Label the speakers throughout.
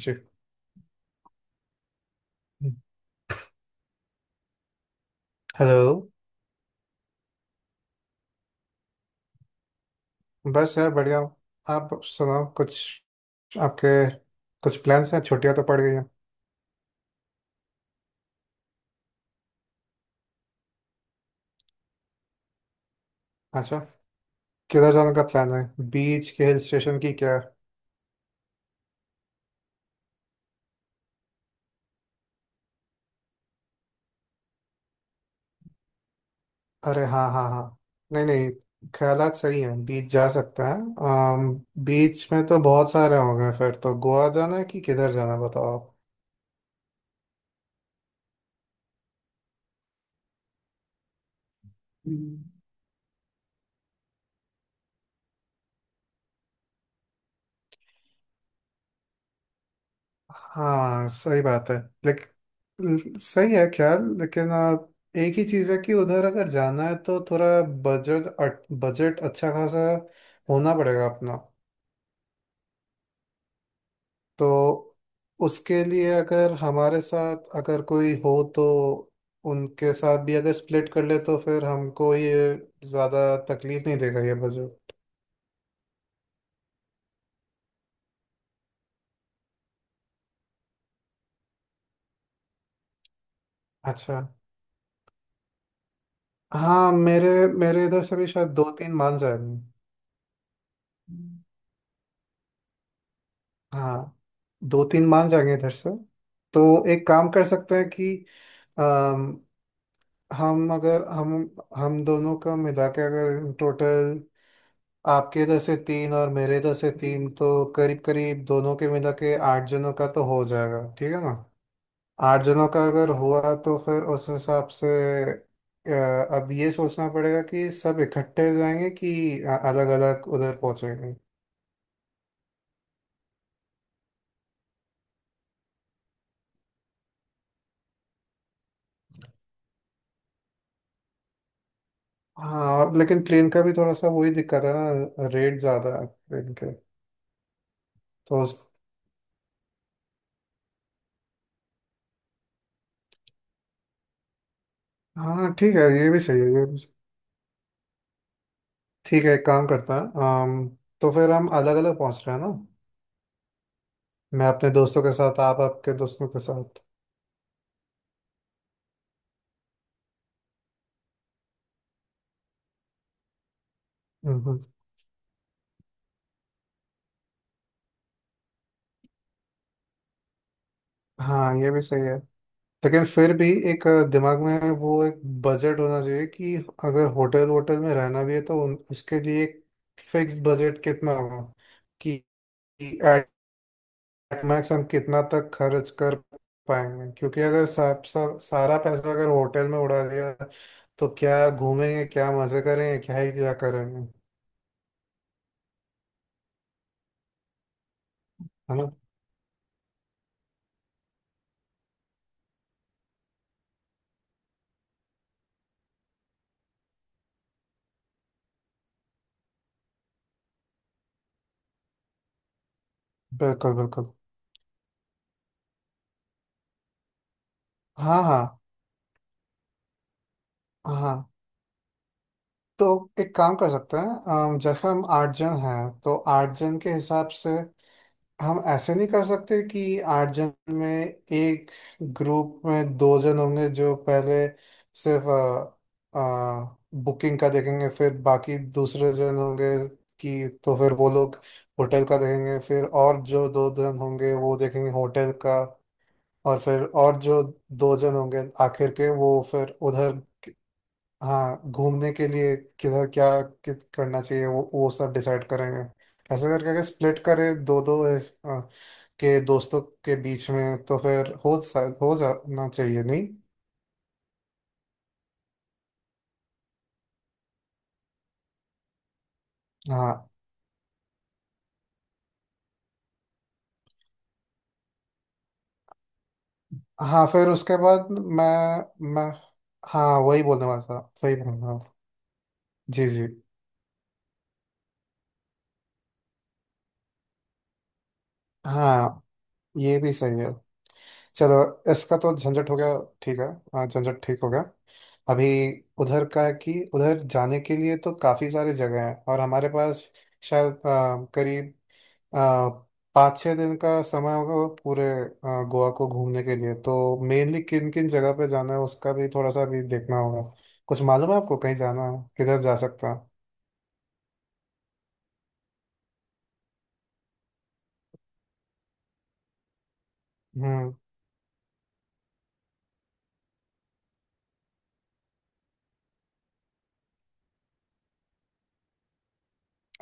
Speaker 1: जी। Hello. बस यार बढ़िया हूँ। आप सुनाओ कुछ। आपके कुछ प्लान्स हैं, छुट्टियां तो पड़ गई हैं। अच्छा। किधर जाने का प्लान है? बीच के हिल स्टेशन की क्या। अरे हाँ हाँ हाँ। नहीं नहीं, ख्यालात सही हैं, बीच जा सकता है। बीच में तो बहुत सारे होंगे, फिर तो गोवा जाना है कि किधर जाना है, बताओ आप। हाँ सही बात है। लेकिन सही है ख्याल, लेकिन एक ही चीज़ है कि उधर अगर जाना है तो थोड़ा बजट बजट अच्छा खासा होना पड़ेगा अपना। तो उसके लिए अगर हमारे साथ अगर कोई हो तो उनके साथ भी अगर स्प्लिट कर ले तो फिर हमको ये ज़्यादा तकलीफ नहीं देगा ये बजट। अच्छा। हाँ, मेरे मेरे इधर से भी शायद दो तीन मान जाएंगे। हाँ, दो तीन मान जाएंगे इधर से। तो एक काम कर सकते हैं कि अम, हम अगर हम हम दोनों का मिला के अगर टोटल आपके इधर से तीन और मेरे इधर से तीन, तो करीब करीब दोनों के मिला के आठ जनों का तो हो जाएगा। ठीक है ना? आठ जनों का अगर हुआ तो फिर उस हिसाब से अब ये सोचना पड़ेगा कि सब इकट्ठे जाएंगे कि अलग अलग उधर पहुंचेंगे। हाँ, और लेकिन ट्रेन का भी थोड़ा सा वही दिक्कत है ना, रेट ज़्यादा है ट्रेन के। तो हाँ ठीक है, ये भी सही है, ठीक है, एक काम करता है। अम, तो फिर हम अलग अलग पहुंच रहे हैं ना? मैं अपने दोस्तों के साथ, आप आपके दोस्तों के साथ। हम्म, हाँ। ये भी सही है। लेकिन फिर भी एक दिमाग में वो एक बजट होना चाहिए कि अगर होटल वोटल में रहना भी है तो उसके लिए एक फिक्स बजट कितना होगा कि मैक्स हम कितना तक खर्च कर पाएंगे, क्योंकि अगर सब सब सारा पैसा अगर होटल में उड़ा दिया तो क्या घूमेंगे, क्या मजे करेंगे, क्या ही क्या करेंगे। है ना? बिल्कुल बिल्कुल। हाँ हाँ हाँ। तो एक काम कर सकते हैं, जैसे हम आठ जन हैं तो आठ जन के हिसाब से हम ऐसे नहीं कर सकते कि आठ जन में एक ग्रुप में दो जन होंगे जो पहले सिर्फ बुकिंग का देखेंगे, फिर बाकी दूसरे जन होंगे कि तो फिर वो लोग होटल का देखेंगे, फिर और जो दो जन होंगे वो देखेंगे होटल का, और फिर और जो दो जन होंगे आखिर के वो फिर उधर, हाँ, घूमने के लिए किधर क्या कित करना चाहिए वो सब डिसाइड करेंगे। ऐसे करके अगर स्प्लिट करें दो दो के दोस्तों के बीच में तो फिर हो जाना चाहिए नहीं? हाँ हाँ, फिर उसके बाद मैं हाँ, वही बोलने वाला था, सही बोल रहा हूँ। जी जी। हाँ, ये भी सही है। चलो, इसका तो झंझट हो गया। ठीक है। हाँ, झंझट ठीक हो गया। अभी उधर का है कि उधर जाने के लिए तो काफ़ी सारी जगह हैं, और हमारे पास शायद करीब आ, 5-6 दिन का समय होगा वो पूरे, गोवा को घूमने के लिए। तो मेनली किन किन जगह पे जाना है उसका भी थोड़ा सा भी देखना होगा। कुछ मालूम है आपको कहीं जाना है, किधर जा सकता हूँ? हम्म।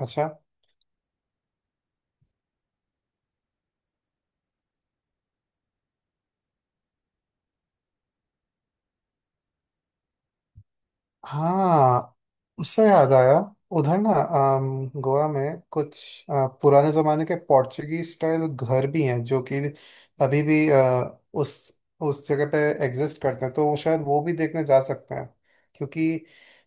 Speaker 1: अच्छा। हाँ, उससे याद आया। उधर ना, गोवा में कुछ पुराने जमाने के पोर्चुगीज स्टाइल घर भी हैं जो कि अभी भी उस जगह पे एग्जिस्ट करते हैं, तो वो शायद वो भी देखने जा सकते हैं। क्योंकि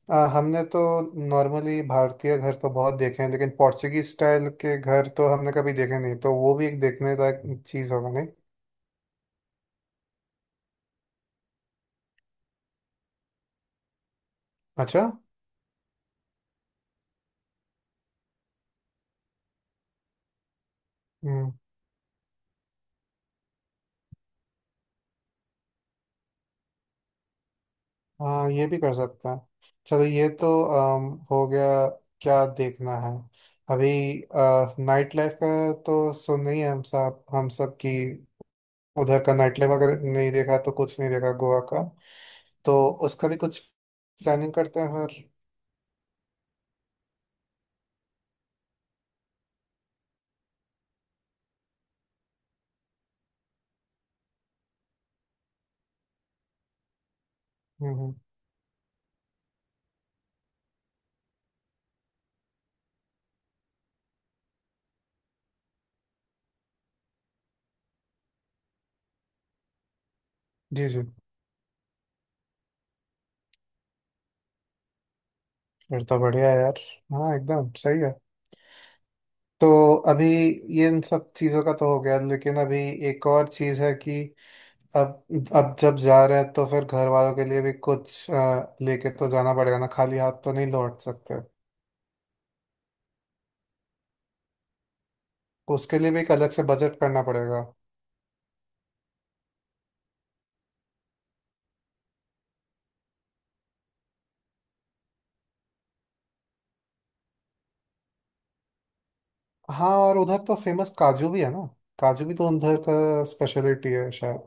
Speaker 1: हमने तो नॉर्मली भारतीय घर तो बहुत देखे हैं, लेकिन पोर्चुगीज स्टाइल के घर तो हमने कभी देखे नहीं, तो वो भी एक देखने लायक चीज़ होगा नहीं? अच्छा। हम्म। हाँ, ये भी कर सकते हैं। चलो, ये तो हो गया। क्या देखना है अभी? नाइट लाइफ का तो सुन ही है हम सब की। उधर का नाइट लाइफ अगर नहीं देखा तो कुछ नहीं देखा गोवा का। तो उसका भी कुछ प्लानिंग करते हैं, और हम्म हम्म, जी जी। फिर तो बढ़िया है यार। हाँ, एकदम सही है। तो अभी ये इन सब चीज़ों का तो हो गया, लेकिन अभी एक और चीज़ है कि अब अब जब जा रहे हैं तो फिर घर वालों के लिए भी कुछ लेके तो जाना पड़ेगा ना, खाली हाथ तो नहीं लौट सकते। उसके लिए भी एक अलग से बजट करना पड़ेगा। हाँ, और उधर तो फेमस काजू भी है ना, काजू भी तो उधर का स्पेशलिटी है शायद।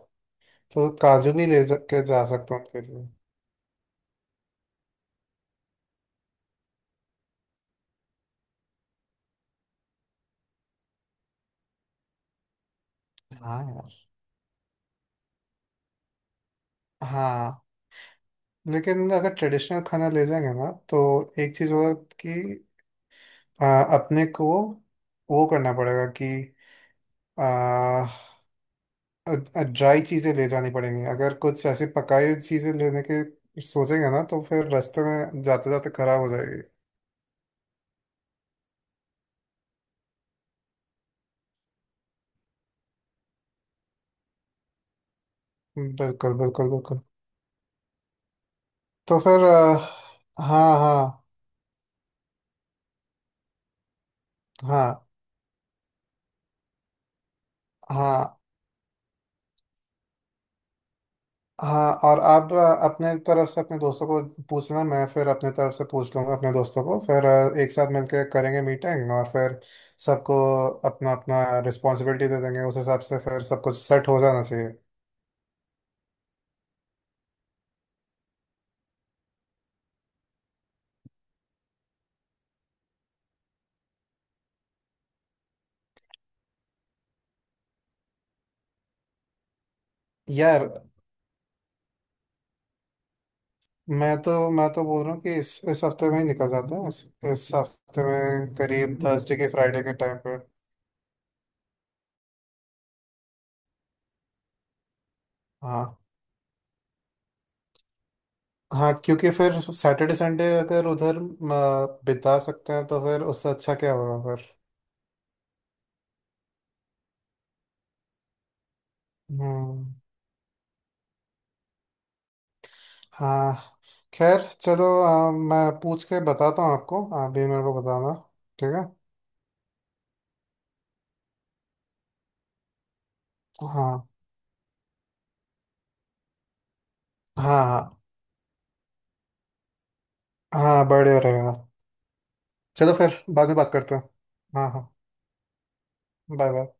Speaker 1: तो काजू भी के जा सकते हैं उनके लिए। हाँ यार। हाँ, लेकिन अगर ट्रेडिशनल खाना ले जाएंगे ना तो एक चीज़ होगा कि अ, अपने को वो करना पड़ेगा कि ड्राई चीजें ले जानी पड़ेंगी। अगर कुछ ऐसी पकाई हुई चीजें लेने के सोचेंगे ना तो फिर रास्ते में जाते जाते खराब हो जाएगी। बिल्कुल बिल्कुल बिल्कुल। तो फिर हाँ हाँ। हाँ हाँ हाँ, और आप अपने तरफ से अपने दोस्तों को पूछना, मैं फिर अपने तरफ से पूछ लूंगा अपने दोस्तों को। फिर एक साथ मिलकर करेंगे मीटिंग और फिर सबको अपना अपना रिस्पॉन्सिबिलिटी दे देंगे। उस हिसाब से फिर सब कुछ सेट हो जाना चाहिए। यार, मैं तो बोल रहा हूँ कि इस हफ्ते में ही निकल जाता है, इस हफ्ते में करीब थर्सडे के फ्राइडे के टाइम पे। हाँ हाँ, क्योंकि फिर सैटरडे संडे अगर उधर बिता सकते हैं तो फिर उससे अच्छा क्या होगा फिर। हम्म। हाँ, खैर चलो, मैं पूछ के बताता हूँ आपको, आप भी मेरे को बताना। ठीक है। हाँ हाँ। हाँ हाँ, बढ़िया रहेगा। चलो फिर बाद में बात करते हैं। हाँ हाँ। Bye bye.